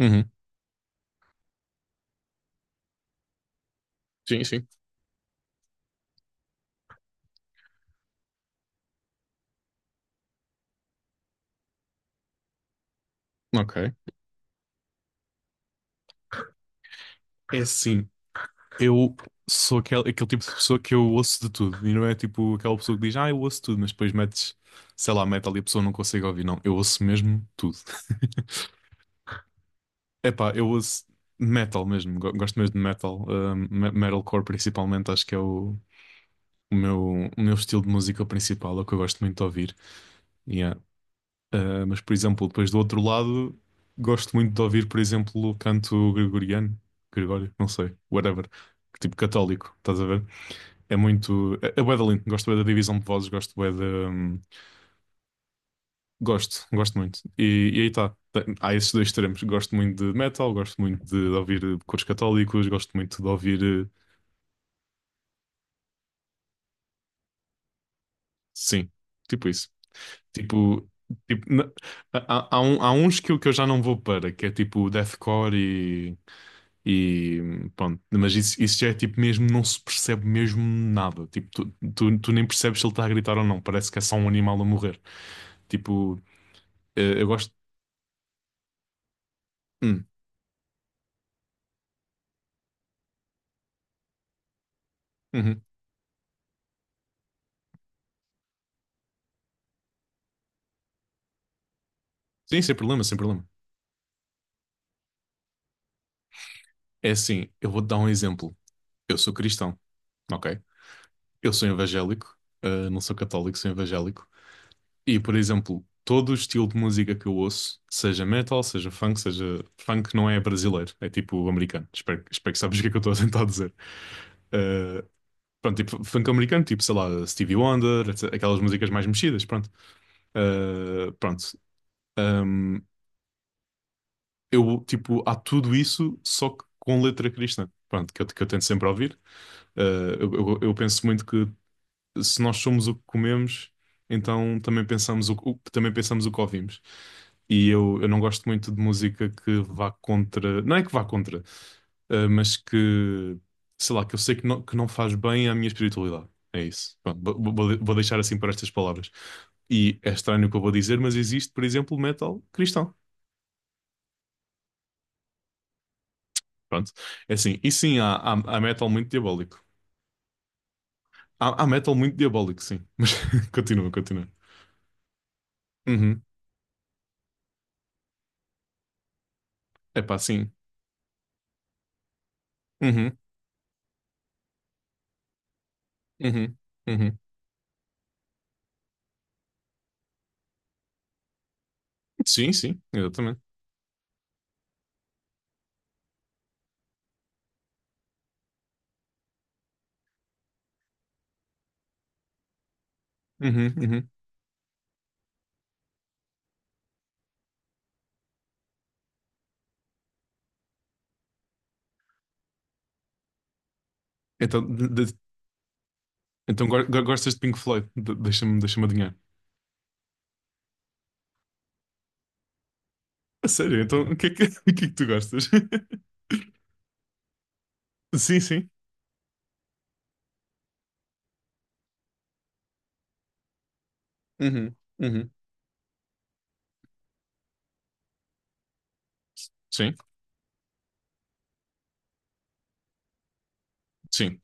Uhum. Sim, sim. Ok. É assim, eu sou aquele, aquele tipo de pessoa que eu ouço de tudo. E não é tipo aquela pessoa que diz, ah, eu ouço tudo, mas depois metes, sei lá, metal e a pessoa não consegue ouvir. Não, eu ouço mesmo tudo. Epá, eu ouço metal mesmo. Gosto mesmo de metal. Metalcore principalmente, acho que é o, o meu, o meu estilo de música principal, é o que eu gosto muito de ouvir. Ah, mas, por exemplo, depois do outro lado, gosto muito de ouvir, por exemplo, o canto gregoriano, Gregório, não sei, whatever, tipo católico, estás a ver? É muito. É, é bué da lindo, gosto bué da divisão de vozes, gosto bué da. Gosto, gosto muito. E aí está. Há esses dois extremos. Gosto muito de metal, gosto muito de ouvir cores católicos, gosto muito de ouvir. Eh, Sim, tipo isso. Tipo. Tipo, na- Há, há há uns que eu já não vou para, que é tipo deathcore. E pronto, mas isso já é tipo mesmo, não se percebe mesmo nada. Tipo, tu nem percebes se ele está a gritar ou não. Parece que é só um animal a morrer. Tipo, eu gosto. Hum, uhum. Sim, sem problema, sem problema. É assim, eu vou-te dar um exemplo. Eu sou cristão, ok? Eu sou evangélico, não sou católico, sou evangélico. E, por exemplo, todo o estilo de música que eu ouço, seja metal, seja. Funk não é brasileiro, é tipo americano. Espero que sabes o que é que eu estou a tentar dizer. Eh, Pronto, tipo funk americano, tipo, sei lá, Stevie Wonder, etc, aquelas músicas mais mexidas, pronto. Ah, pronto. Ahm, eu, tipo, há tudo isso, só que com letra cristã, pronto, que eu tento sempre ouvir. Ah, eu penso muito que se nós somos o que comemos, então também pensamos o, também pensamos o que ouvimos. E eu não gosto muito de música que vá contra. Não é que vá contra. Mas que, sei lá, que eu sei que não faz bem à minha espiritualidade. É isso. Pronto, vou, vou deixar assim para estas palavras. E é estranho o que eu vou dizer, mas existe, por exemplo, metal cristão. Pronto. É assim. E sim, há, há metal muito diabólico. Há, há metal muito diabólico, sim. Continua, continua. Uhum. Epá, sim. Uhum, uhum, uhum. Sim, sim, exatamente. Uhum, uhum. Então, de- de- então gostas de Pink Floyd? Deixa-me, deixa-me adivinhar. A sério, então o que é que, o que é que tu gostas? Sim, sim. Uhum, uhum. Sim, sim.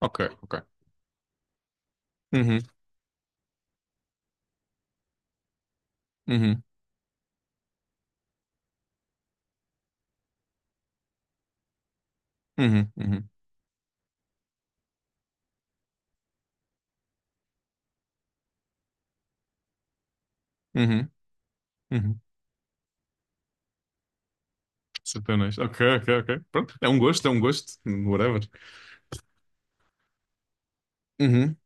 Ok, ok. Uhum, uhum, uhum, uhum, uhum, uhum. Satanás. Ok, ok, ok. Pronto. É um gosto, é um gosto. Whatever. Uhum.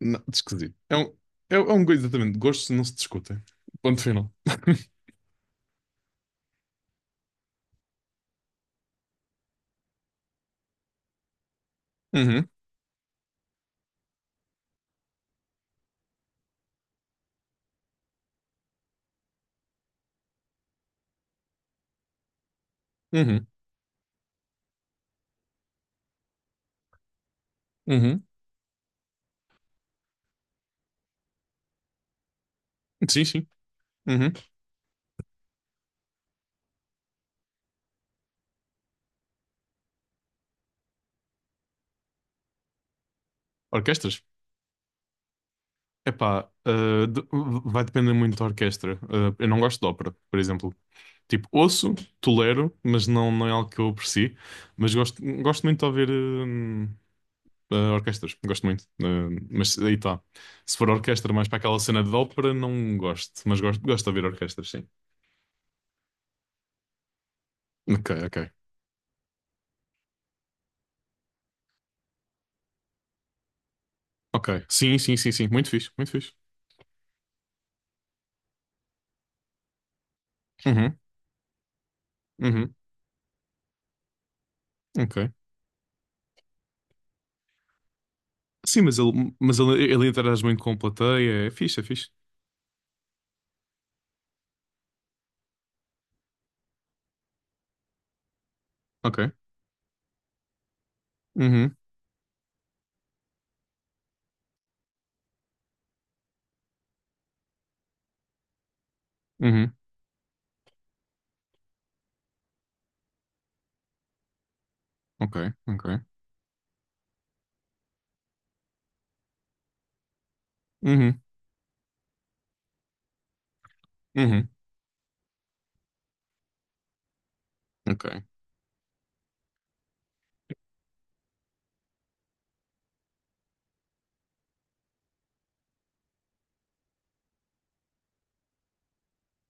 Não, esquisito. É, é um gosto, exatamente. Gostos não se discutem. Ponto final. Uhum, uhum, uhum. Sim, sim. Uhum. Orquestras? Epá, vai depender muito da orquestra. Ah, eu não gosto de ópera, por exemplo. Tipo, ouço, tolero, mas não, não é algo que eu aprecie. Mas gosto, gosto muito de ouvir orquestras, gosto muito. Ah, mas aí está. Se for orquestra mais para aquela cena de ópera, não gosto. Mas gosto, gosto de ouvir orquestras, sim. Ok, ok. Ok. Sim, sim, sim, sim. Muito fixe, muito fixe. Uhum, uhum, ok. Sim, mas ele, ele interage muito com a plateia. É fixe, é fixe. Ok. Uhum, uhum, ok, ok. Uhum, uhum, ok.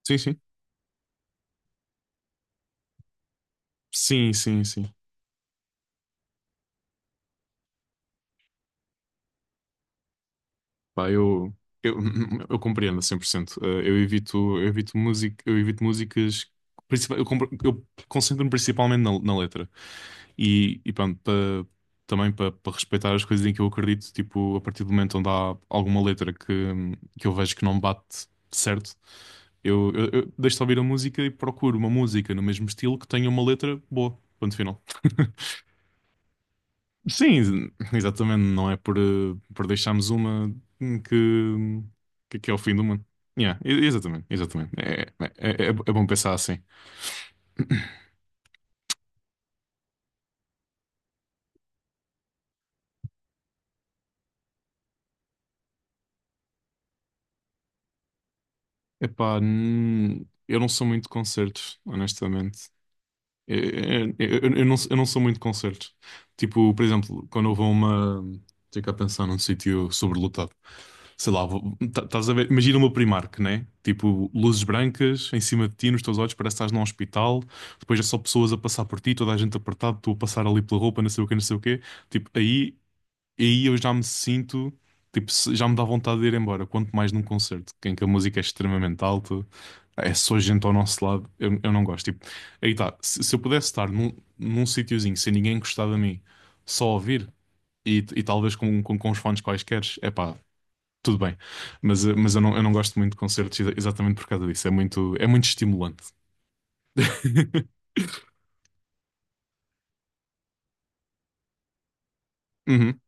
Sim, sim. Sim, sim, sim. Pá, eu, eu, eu compreendo a 100%. Eu evito, eu evito música, eu evito músicas, eu, eu concentro-me principalmente na, na letra. E pronto, também para respeitar as coisas em que eu acredito, tipo, a partir do momento onde há alguma letra que eu vejo que não bate certo, eu, eu deixo de ouvir a música e procuro uma música no mesmo estilo que tenha uma letra boa. Ponto final. Sim, exatamente. Não é por, por deixarmos uma hum, que, que é o fim do mundo. Yeah, exatamente, exatamente. É, é, é, é é bom pensar assim. Epá, eu não sou muito de concertos, honestamente. Eu, não, eu não sou muito de concertos. Tipo, por exemplo, quando eu vou a uma. Tenho que pensar num sítio sobrelotado. Sei lá, estás a ver? Imagina uma Primark, né? Tipo, luzes brancas em cima de ti, nos teus olhos, parece que estás num hospital. Depois é só pessoas a passar por ti, toda a gente apertada, tu a passar ali pela roupa, não sei o quê, não sei o quê. Tipo, aí e aí eu já me sinto, tipo, já me dá vontade de ir embora, quanto mais num concerto, em que a música é extremamente alta, é só gente ao nosso lado, eu não gosto. Tipo, aí tá, se eu pudesse estar num, num sítiozinho sem ninguém encostar a mim, só ouvir, e talvez com, com os fones quaisquer, é pá, tudo bem. Mas, mas eu não gosto muito de concertos exatamente por causa disso, é muito estimulante. Uhum,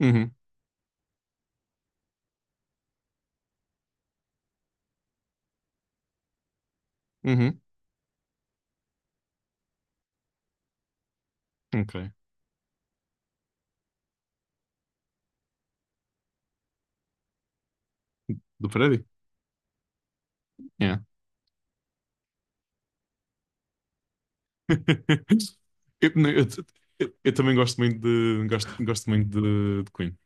uhum, uhum, ok. Do prédio? Eu, não, eu também gosto muito de gosto, gosto muito de Queen.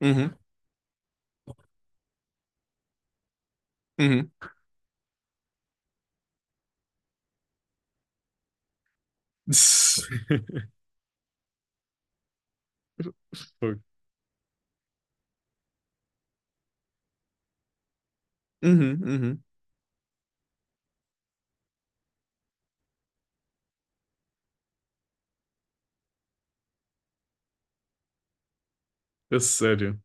Uhum, uhum, Fogo. Uhum, uhum. A sério.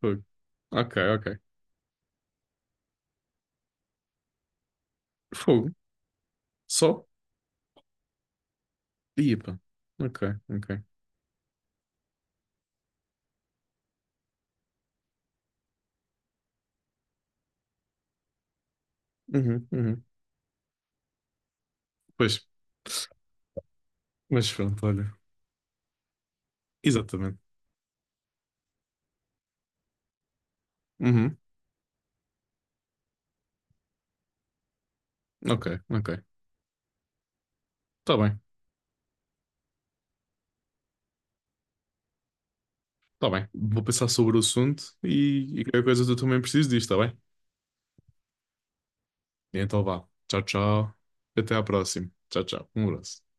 Fogo. Ok, ok. Fogo. Só? Ia, pá. Ok, ok. Uhum, uhum. Pois, mas pronto, olha. Exatamente. Uhum. Ok, ok. Tá bem, tá bem. Vou pensar sobre o assunto e qualquer coisa eu também preciso disto, tá bem? Então vá. Tchau, tchau. Até à próxima. Tchau, tchau. Um abraço.